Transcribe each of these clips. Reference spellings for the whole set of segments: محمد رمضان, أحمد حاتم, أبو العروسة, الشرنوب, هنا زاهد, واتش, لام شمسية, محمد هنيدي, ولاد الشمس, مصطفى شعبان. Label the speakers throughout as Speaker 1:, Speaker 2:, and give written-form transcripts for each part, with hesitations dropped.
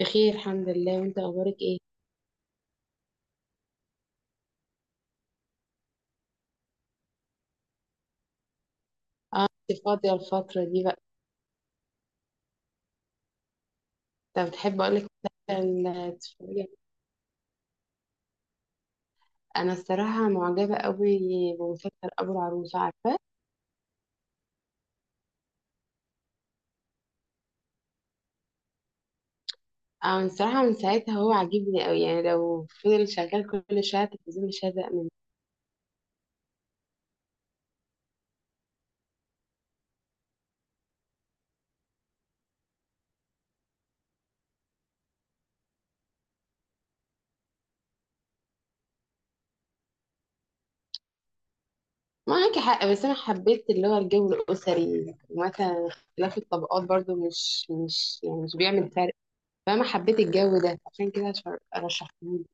Speaker 1: بخير الحمد لله، وانت اخبارك ايه؟ اه، انت فاضيه الفتره دي بقى؟ طب تحب اقول لك مثلا تتفرجي؟ انا الصراحه معجبه قوي بمسلسل ابو العروسه، عارفاه؟ اه، الصراحه من ساعتها هو عاجبني قوي، يعني لو فضل شغال كل شويه على التلفزيون مش هزهق منه. معاكي حق، بس انا حبيت اللي هو الجو الاسري، ومثلا اختلاف الطبقات برضو مش يعني مش بيعمل فرق. فانا حبيت الجو ده عشان كده رشحته.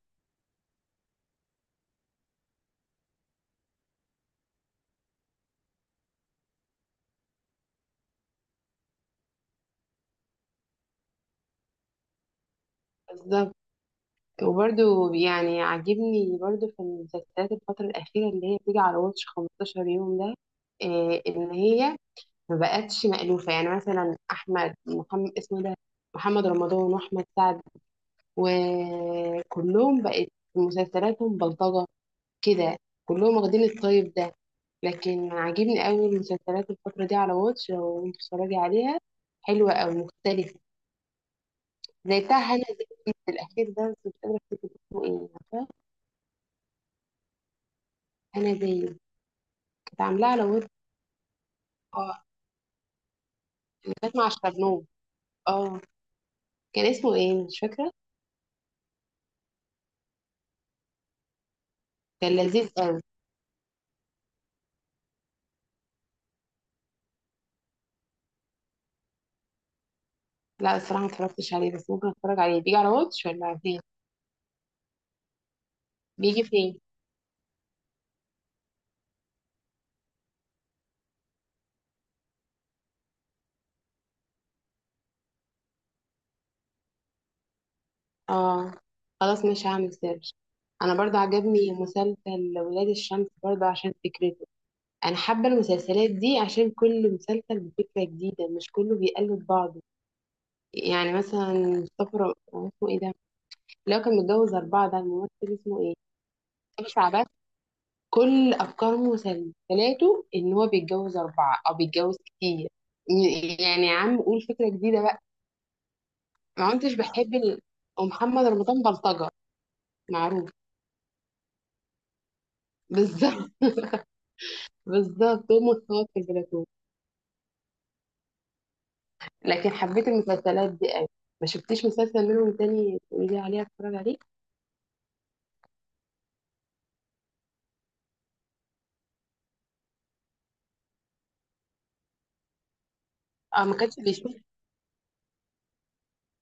Speaker 1: بالظبط. وبرده يعني عاجبني برضو في المسلسلات الفترة الأخيرة اللي هي بتيجي على واتش 15 يوم ده، إيه إن هي ما بقتش مألوفة، يعني مثلا أحمد محمد اسمه ده، محمد رمضان وأحمد سعد، وكلهم بقت مسلسلاتهم بلطجة كده، كلهم واخدين الطيب ده. لكن عاجبني قوي المسلسلات الفترة دي على واتش، لو انت بتتفرجي عليها حلوة أو مختلفة. زي بتاع هنا زاهد الأخير ده، بس مش قادرة أفتكر اسمه إيه، عارفة؟ هنا زاهد، كنت عاملاه على ويب. اه، اللي كانت مع الشرنوب، اه. كان اسمه ايه؟ مش فاكرة. كان لذيذ قوي. لا الصراحة ما اتفرجتش عليه، بس ممكن اتفرج عليه، بيجي على واتش ولا فين؟ بيجي فين؟ اه، خلاص مش هعمل سيرش. انا برضه عجبني مسلسل ولاد الشمس برضه عشان فكرته. انا حابة المسلسلات دي عشان كل مسلسل بفكرة جديدة، مش كله بيقلد بعضه. يعني مثلا اسمه ايه ده، اللي هو كان متجوز أربعة ده الممثل، اسمه ايه؟ مصطفى شعبان. كل افكار مسلسلاته ان هو بيتجوز اربعه او بيتجوز كتير، يعني يا عم قول فكره جديده بقى. ما كنتش بحب ال. ومحمد رمضان بلطجه، معروف. بالظبط. بالظبط، هو متفوق في البلاتو. لكن حبيت المسلسلات دي قوي. ما شفتيش مسلسل منهم تاني تقولي لي عليه اتفرج عليه؟ اه، ما كانش بيشوف،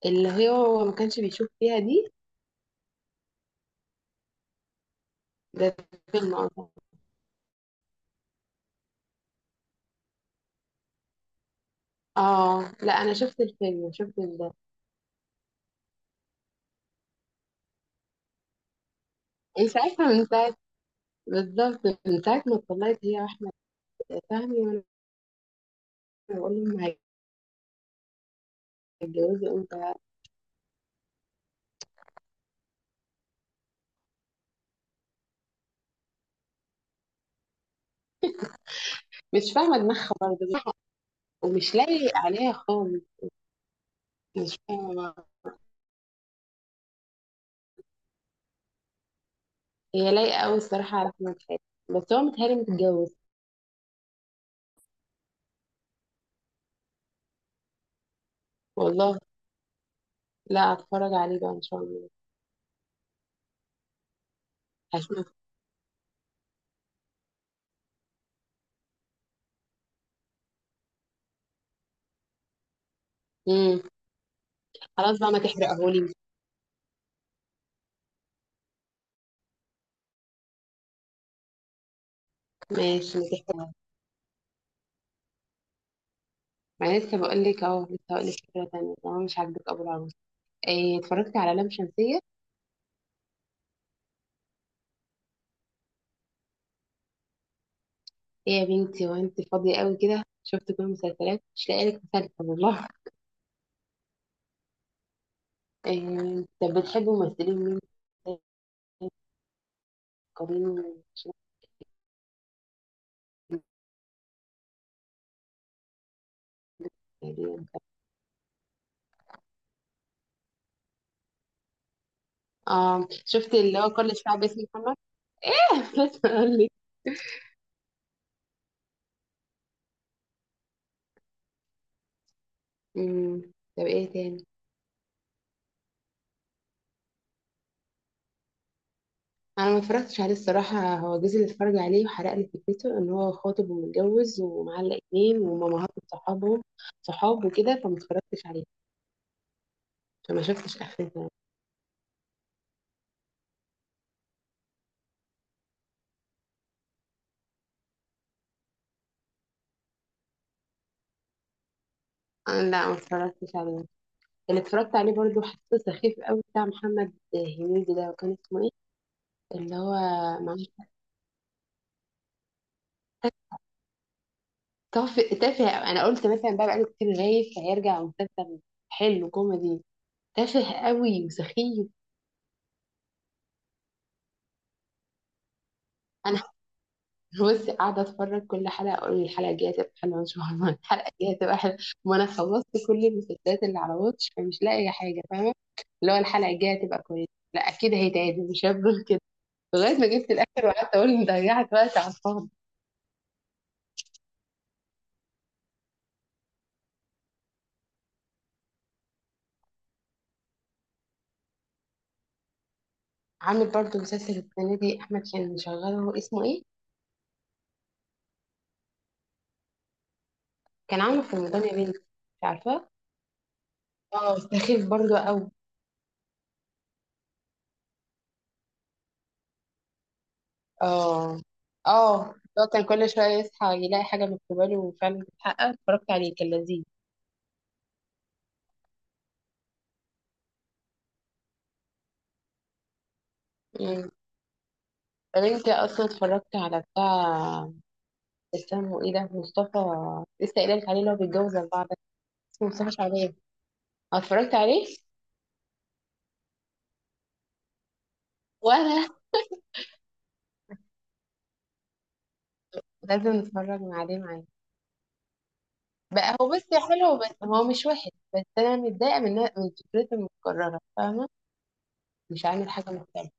Speaker 1: اللي هي هو ما كانش بيشوف فيها دي. ده فيلم اصلا. اه لا، انا شفت الفيلم، شفت ال. من ساعتها من ساعه بالظبط من ساعة ما اتطلقت هي، فاهمة؟ وانا بقول لهم هيتجوزوا امتى؟ مش فاهمة دماغها برضه، ومش لايق عليها خالص، مش فاهمة بقى. هي لايقة أوي الصراحة على أحمد حاتم، بس هو متهيألي متجوز. والله، لا هتفرج عليه بقى إن شاء الله، هشوف. امم خلاص بقى ما تحرقهولي. ماشي ما تحرقه. ما أنا لسه بقول لك اهو، لسه هقول لك فكرة تانية طالما مش عاجبك أبو العروس. إيه، اتفرجتي على لام شمسية؟ إيه يا بنتي، وأنت فاضية أوي كده شفت كل المسلسلات مش لاقي لك مسلسل والله! إيه؟ طب بتحبي ممثلين مين قرين شفت؟ اه، شفت اللي هو كل الشعب اسمه محمد. بس اقول لك. أمم، طب ايه تاني؟ انا ما اتفرجتش عليه الصراحه، هو جوزي اللي اتفرج عليه وحرق لي فكرته ان هو خاطب ومتجوز ومعلق اتنين ومامهات صحابهم صحاب وكده، فما اتفرجتش عليه، فما شفتش اخرته. أنا لا، ما اتفرجتش عليه. اللي اتفرجت عليه برضه حسيته سخيف قوي بتاع محمد هنيدي ده، وكان اسمه ايه اللي هو معاه؟ تافه تافه أوي. انا قلت مثلا بقى بقاله كتير غايب، فهيرجع مسلسل حلو كوميدي. تافه قوي وسخيف. انا بصي قاعده اتفرج كل حلقه اقول الحلقه الجايه هتبقى حلوه ان شاء الله، الحلقه الجايه هتبقى حلوه. ما انا خلصت كل المسلسلات اللي على واتش، فمش لاقيه حاجه فاهمه. اللي هو الحلقه الجايه هتبقى كويسه، لا اكيد هيتعادل مش هفضل كده. لغايه ما جبت الاخر وقعدت اقول إن ضيعت وقت على الفاضي. عامل برضه مسلسل السنه دي احمد، كان مشغله، هو اسمه ايه؟ كان عامله في رمضان يا بنتي مش عارفاه. اه، سخيف برضو قوي. اه، اه، ده كان كل شوية يصحى يلاقي حاجة مكتوبة له وفعلا بتتحقق، اتفرجت عليه كان لذيذ. مم. طب انت اصلا اتفرجت على بتاع اسمه ايه ده مصطفى، لسه قايله لك عليه اللي هو بيتجوز اربعه ده، اسمه مصطفى شعبان. آه، اتفرجت عليه، وانا لازم نتفرج عليه معايا بقى. هو بس حلو، بس هو مش وحش، بس انا متضايقه من فكرته المتكرره، فاهمه؟ مش عامل حاجه مختلفه.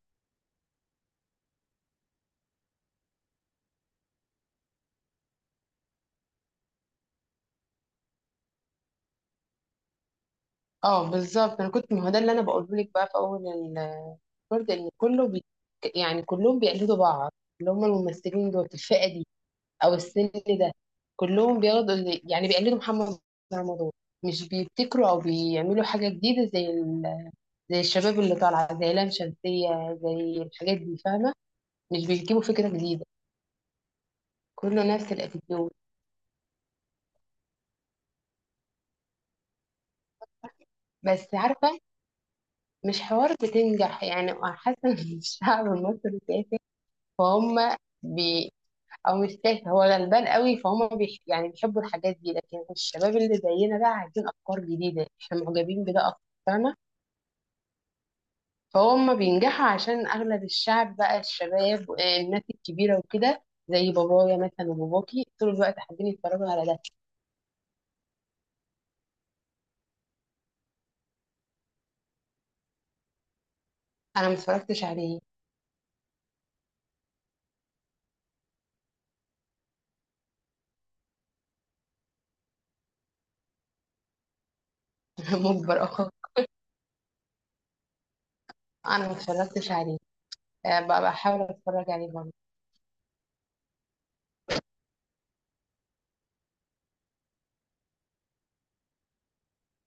Speaker 1: اه بالظبط، انا كنت، ما هو ده اللي انا بقوله لك بقى في اول برضه، ان كله بي. يعني كلهم بيقلدوا بعض، اللي هم الممثلين دول في الفئه دي او السن ده، كلهم بياخدوا يعني بيقلدوا محمد رمضان. مش بيبتكروا او بيعملوا حاجه جديده زي ال، زي الشباب اللي طالعه زي لام شمسيه زي الحاجات دي، فاهمه؟ مش بيجيبوا فكره جديده، كله نفس الاتيتيود. بس عارفه مش حوار بتنجح، يعني حاسه ان الشعب المصري تافه، فهم بي. او مش تافه، هو غلبان قوي، فهم بيح. يعني بيحبوا الحاجات دي، لكن الشباب اللي زينا بقى عايزين افكار جديده، احنا معجبين بده اكتر فاهمه. فهم بينجحوا عشان اغلب الشعب بقى الشباب، الناس الكبيره وكده زي بابايا مثلا وباباكي طول الوقت حابين يتفرجوا على ده. انا ما اتفرجتش عليه. مجبر اخر. انا ما اتفرجتش عليه، بقى بحاول اتفرج عليه برضه.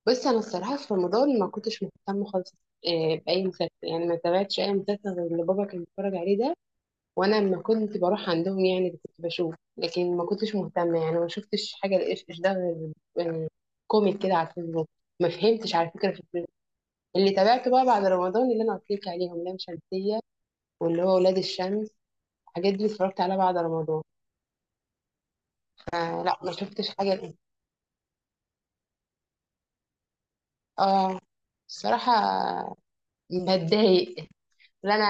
Speaker 1: بس انا الصراحه في رمضان ما كنتش مهتمه خالص باي مسلسل، يعني ما تابعتش اي مسلسل غير اللي بابا كان بيتفرج عليه ده، وانا لما كنت بروح عندهم يعني كنت بشوف، لكن ما كنتش مهتمه، يعني ما شفتش حاجه لايش ايش ده غير كوميك كده على الفيسبوك. ما فهمتش على فكره في الفيسبوك. اللي تابعته بقى بعد رمضان اللي انا قلت لك عليهم، لام شمسيه واللي هو ولاد الشمس، الحاجات دي اتفرجت عليها بعد رمضان. آه لا، ما شفتش حاجه لإيه. اه الصراحه بتضايق. لا انا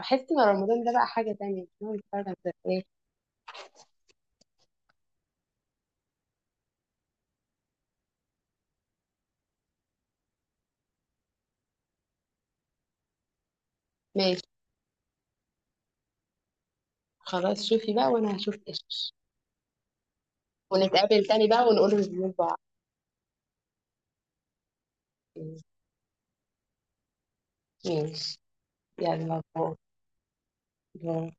Speaker 1: احس ان رمضان ده بقى حاجه تانية إن هو نتفرج على مسلسلات. ماشي، خلاص شوفي بقى وانا هشوف ايش، ونتقابل تاني بقى ونقول ريفيو. ماشي، يلا باي. باي.